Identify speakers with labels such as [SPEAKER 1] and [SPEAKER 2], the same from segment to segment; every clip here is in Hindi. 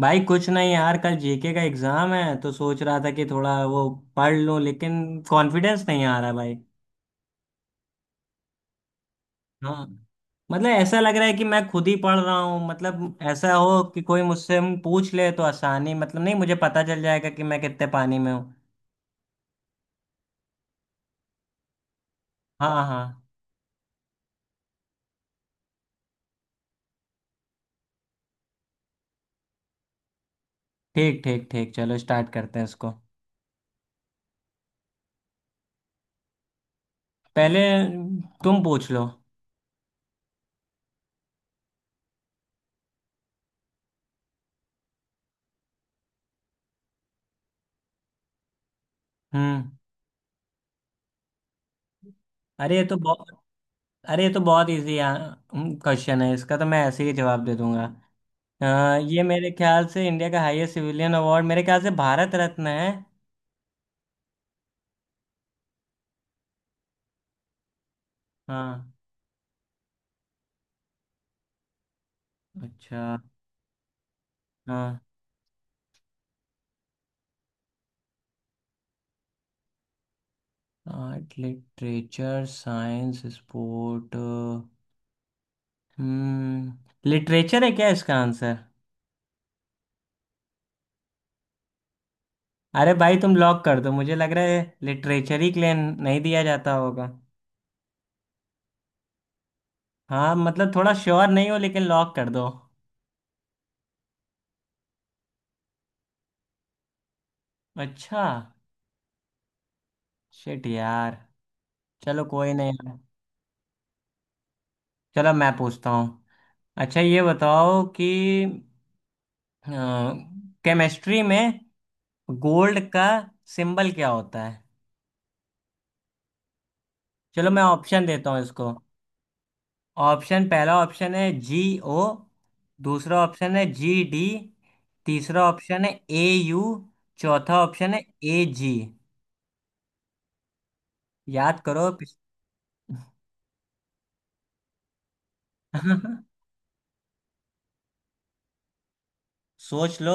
[SPEAKER 1] भाई कुछ नहीं यार। कल जीके का एग्जाम है तो सोच रहा था कि थोड़ा वो पढ़ लूं, लेकिन कॉन्फिडेंस नहीं आ रहा भाई। हाँ, मतलब ऐसा लग रहा है कि मैं खुद ही पढ़ रहा हूँ। मतलब ऐसा हो कि कोई मुझसे हम पूछ ले तो आसानी, मतलब नहीं, मुझे पता चल जाएगा कि मैं कितने पानी में हूँ। हाँ हाँ। ठीक ठीक ठीक, चलो स्टार्ट करते हैं इसको। पहले तुम पूछ लो। हम्म। अरे ये तो बहुत अरे ये तो बहुत इजी क्वेश्चन है, इसका तो मैं ऐसे ही जवाब दे दूंगा। हाँ, ये मेरे ख्याल से इंडिया का हाईएस्ट सिविलियन अवार्ड, मेरे ख्याल से भारत रत्न है। हाँ। अच्छा। हाँ। Art, literature, science, sport. हम्म, लिटरेचर है क्या इसका आंसर? अरे भाई तुम लॉक कर दो, मुझे लग रहा है लिटरेचर ही क्लेम नहीं दिया जाता होगा। हाँ, मतलब थोड़ा श्योर नहीं हो, लेकिन लॉक कर दो। अच्छा। शिट यार, चलो कोई नहीं यार। चलो मैं पूछता हूँ। अच्छा ये बताओ कि केमिस्ट्री में गोल्ड का सिंबल क्या होता है? चलो मैं ऑप्शन देता हूँ इसको। ऑप्शन, पहला ऑप्शन है जी ओ। दूसरा ऑप्शन है जी डी। तीसरा ऑप्शन है ए यू। चौथा ऑप्शन है ए जी। याद करो सोच लो।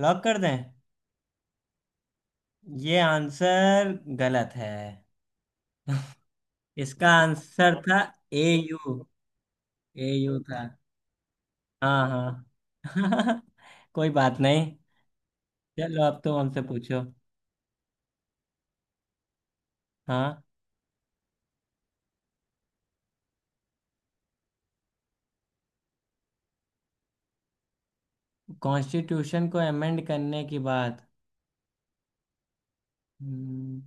[SPEAKER 1] लॉक कर दें? ये आंसर गलत है। इसका आंसर था ए यू। ए यू था। हाँ हाँ। कोई बात नहीं। चलो अब तुम हमसे पूछो। हाँ, कॉन्स्टिट्यूशन को अमेंड करने की बात। हम्म।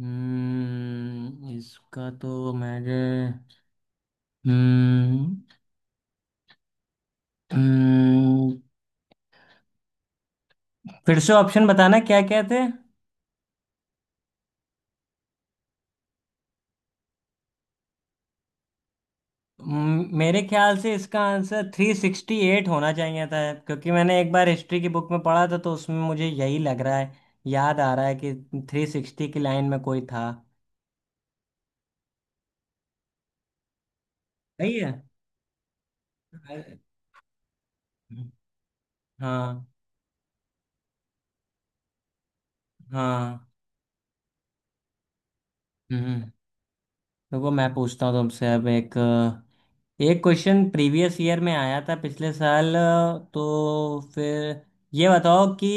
[SPEAKER 1] इसका तो मेरे हम्म हम्म, फिर से ऑप्शन बताना क्या क्या थे? मेरे ख्याल से इसका आंसर थ्री सिक्सटी एट होना चाहिए था, क्योंकि मैंने एक बार हिस्ट्री की बुक में पढ़ा था तो उसमें मुझे यही लग रहा है, याद आ रहा है कि थ्री सिक्सटी की लाइन में कोई था। सही है। अरे, हाँ। हाँ। हम्म। देखो मैं पूछता हूँ तुमसे अब एक एक क्वेश्चन प्रीवियस ईयर में आया था, पिछले साल। तो फिर ये बताओ कि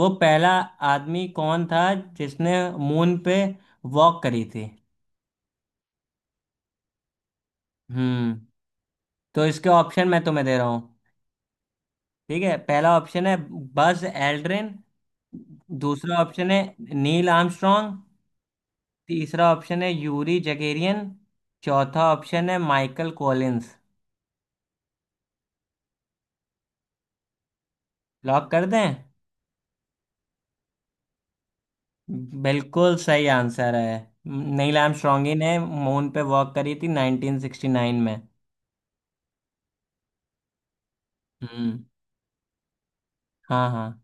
[SPEAKER 1] वो पहला आदमी कौन था जिसने मून पे वॉक करी थी? हम्म। तो इसके ऑप्शन मैं तुम्हें दे रहा हूँ। ठीक है, पहला ऑप्शन है बज एल्ड्रिन। दूसरा ऑप्शन है नील आर्मस्ट्रॉन्ग। तीसरा ऑप्शन है यूरी जगेरियन। चौथा ऑप्शन है माइकल कॉलिंस। लॉक कर दें? बिल्कुल सही आंसर है। नील आर्मस्ट्रॉन्ग ही ने मून पे वॉक करी थी 1969 में। हम्म। हाँ हाँ।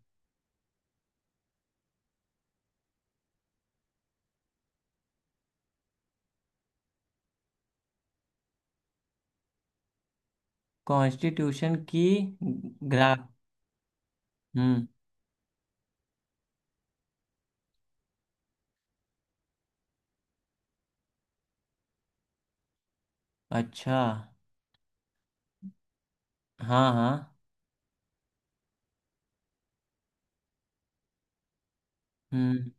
[SPEAKER 1] कॉन्स्टिट्यूशन की ग्रा हम्म। अच्छा। हाँ हाँ। हम्म।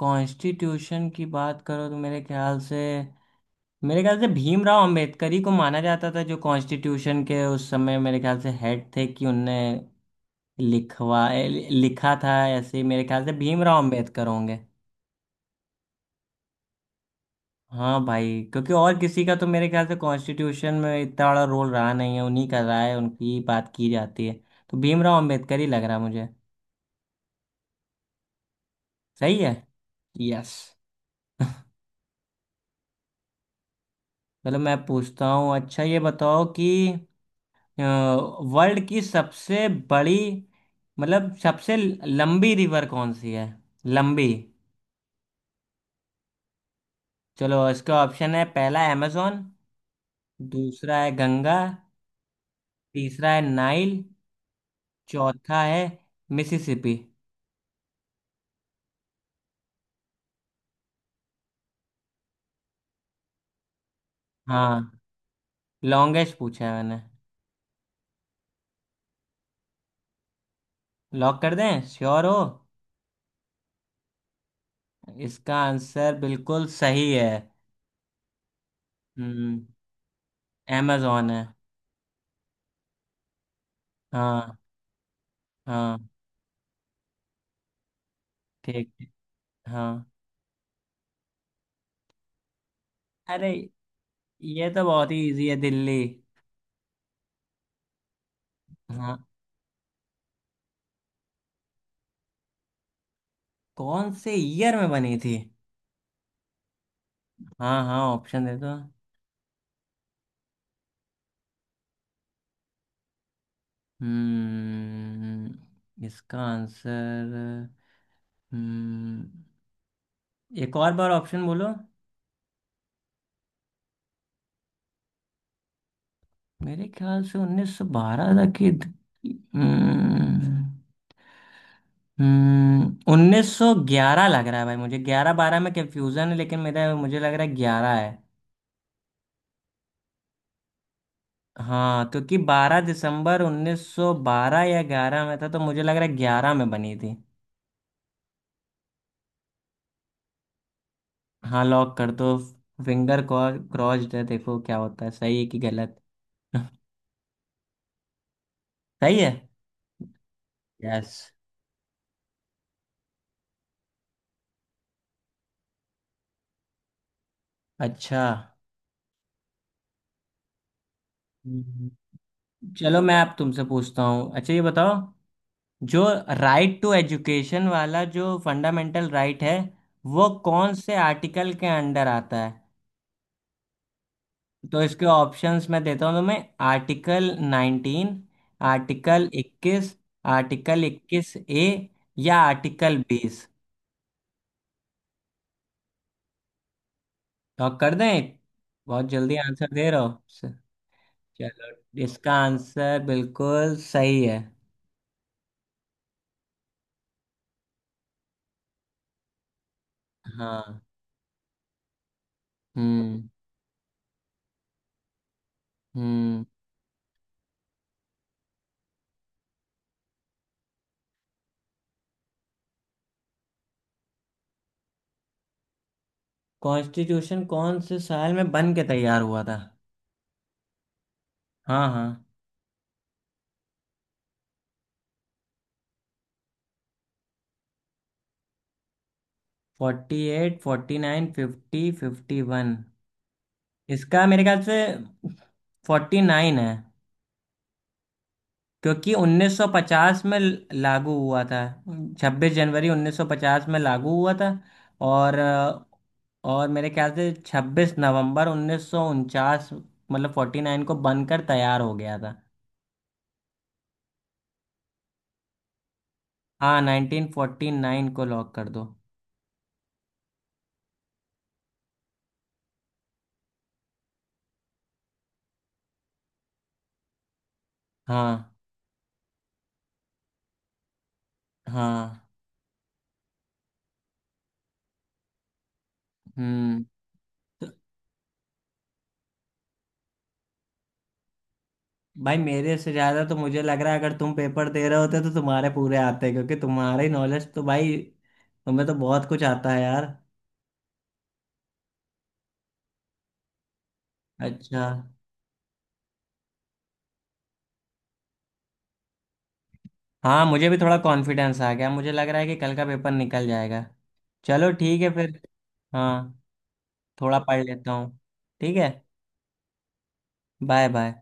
[SPEAKER 1] कॉन्स्टिट्यूशन की बात करो तो मेरे ख्याल से, मेरे ख्याल से भीमराव अंबेडकर ही को माना जाता था, जो कॉन्स्टिट्यूशन के उस समय मेरे ख्याल से हेड थे, कि उनने लिखा था। ऐसे ही मेरे ख्याल से भीमराव अंबेडकर होंगे। हाँ भाई, क्योंकि और किसी का तो मेरे ख्याल से कॉन्स्टिट्यूशन में इतना बड़ा रोल रहा नहीं है, उन्हीं का रहा है, उनकी ही बात की जाती है। तो भीमराव अंबेडकर ही लग रहा है मुझे। सही है। यस। चलो मैं पूछता हूँ। अच्छा ये बताओ कि वर्ल्ड की सबसे बड़ी, मतलब सबसे लंबी रिवर कौन सी है? लंबी। चलो इसका ऑप्शन है, पहला amazon। दूसरा है गंगा। तीसरा है नाइल। चौथा है मिसिसिपी। हाँ, लॉन्गेस्ट पूछा है मैंने। लॉक कर दें? श्योर हो? इसका आंसर बिल्कुल सही है। हम्म, amazon है। हाँ। हाँ। ठीक है, हाँ। अरे ये तो बहुत ही इजी है, दिल्ली। हाँ, कौन से ईयर में बनी थी? हाँ हाँ, ऑप्शन दे दो। हम्म, इसका आंसर। हम्म, एक और बार ऑप्शन बोलो। मेरे ख्याल से 1912 तक की। हम्म। हम्म, उन्नीस सौ ग्यारह लग रहा है भाई मुझे, ग्यारह बारह में कंफ्यूजन है, लेकिन मेरा मुझे लग रहा है ग्यारह है। हाँ, क्योंकि बारह दिसंबर उन्नीस सौ बारह या ग्यारह में था, तो मुझे लग रहा है ग्यारह में बनी थी। हाँ लॉक कर दो। फिंगर क्रॉस्ड है, देखो क्या होता है, सही है कि गलत। सही है। यस। अच्छा। हम्म। चलो मैं अब तुमसे पूछता हूँ। अच्छा ये बताओ, जो राइट टू एजुकेशन वाला जो फंडामेंटल राइट है, वो कौन से आर्टिकल के अंडर आता है? तो इसके ऑप्शंस मैं देता हूँ तुम्हें। Article nineteen. आर्टिकल इक्कीस। आर्टिकल इक्कीस ए। या आर्टिकल बीस। लॉक कर दें? बहुत जल्दी आंसर दे रहे हो चलो इसका आंसर बिल्कुल सही है। हाँ। हम्म। हम्म। कॉन्स्टिट्यूशन कौन से साल में बन के तैयार हुआ था? हाँ हाँ। Forty eight, forty nine, fifty, fifty one. इसका मेरे ख्याल से फोर्टी नाइन है, क्योंकि 1950 में लागू हुआ था, 26 जनवरी 1950 में लागू हुआ था। और और मेरे ख्याल से 26 नवंबर 1949, मतलब 49 को बनकर तैयार हो गया था। हाँ, 1949 को लॉक कर दो। हाँ। हाँ। हम्म। भाई मेरे से ज्यादा तो मुझे लग रहा है, अगर तुम पेपर दे रहे होते तो तुम्हारे पूरे आते, क्योंकि तुम्हारी नॉलेज तो भाई, तुम्हें तो बहुत कुछ आता है यार। अच्छा। हाँ, मुझे भी थोड़ा कॉन्फिडेंस आ गया, मुझे लग रहा है कि कल का पेपर निकल जाएगा। चलो ठीक है फिर। हाँ, थोड़ा पढ़ लेता हूँ। ठीक है। Bye bye.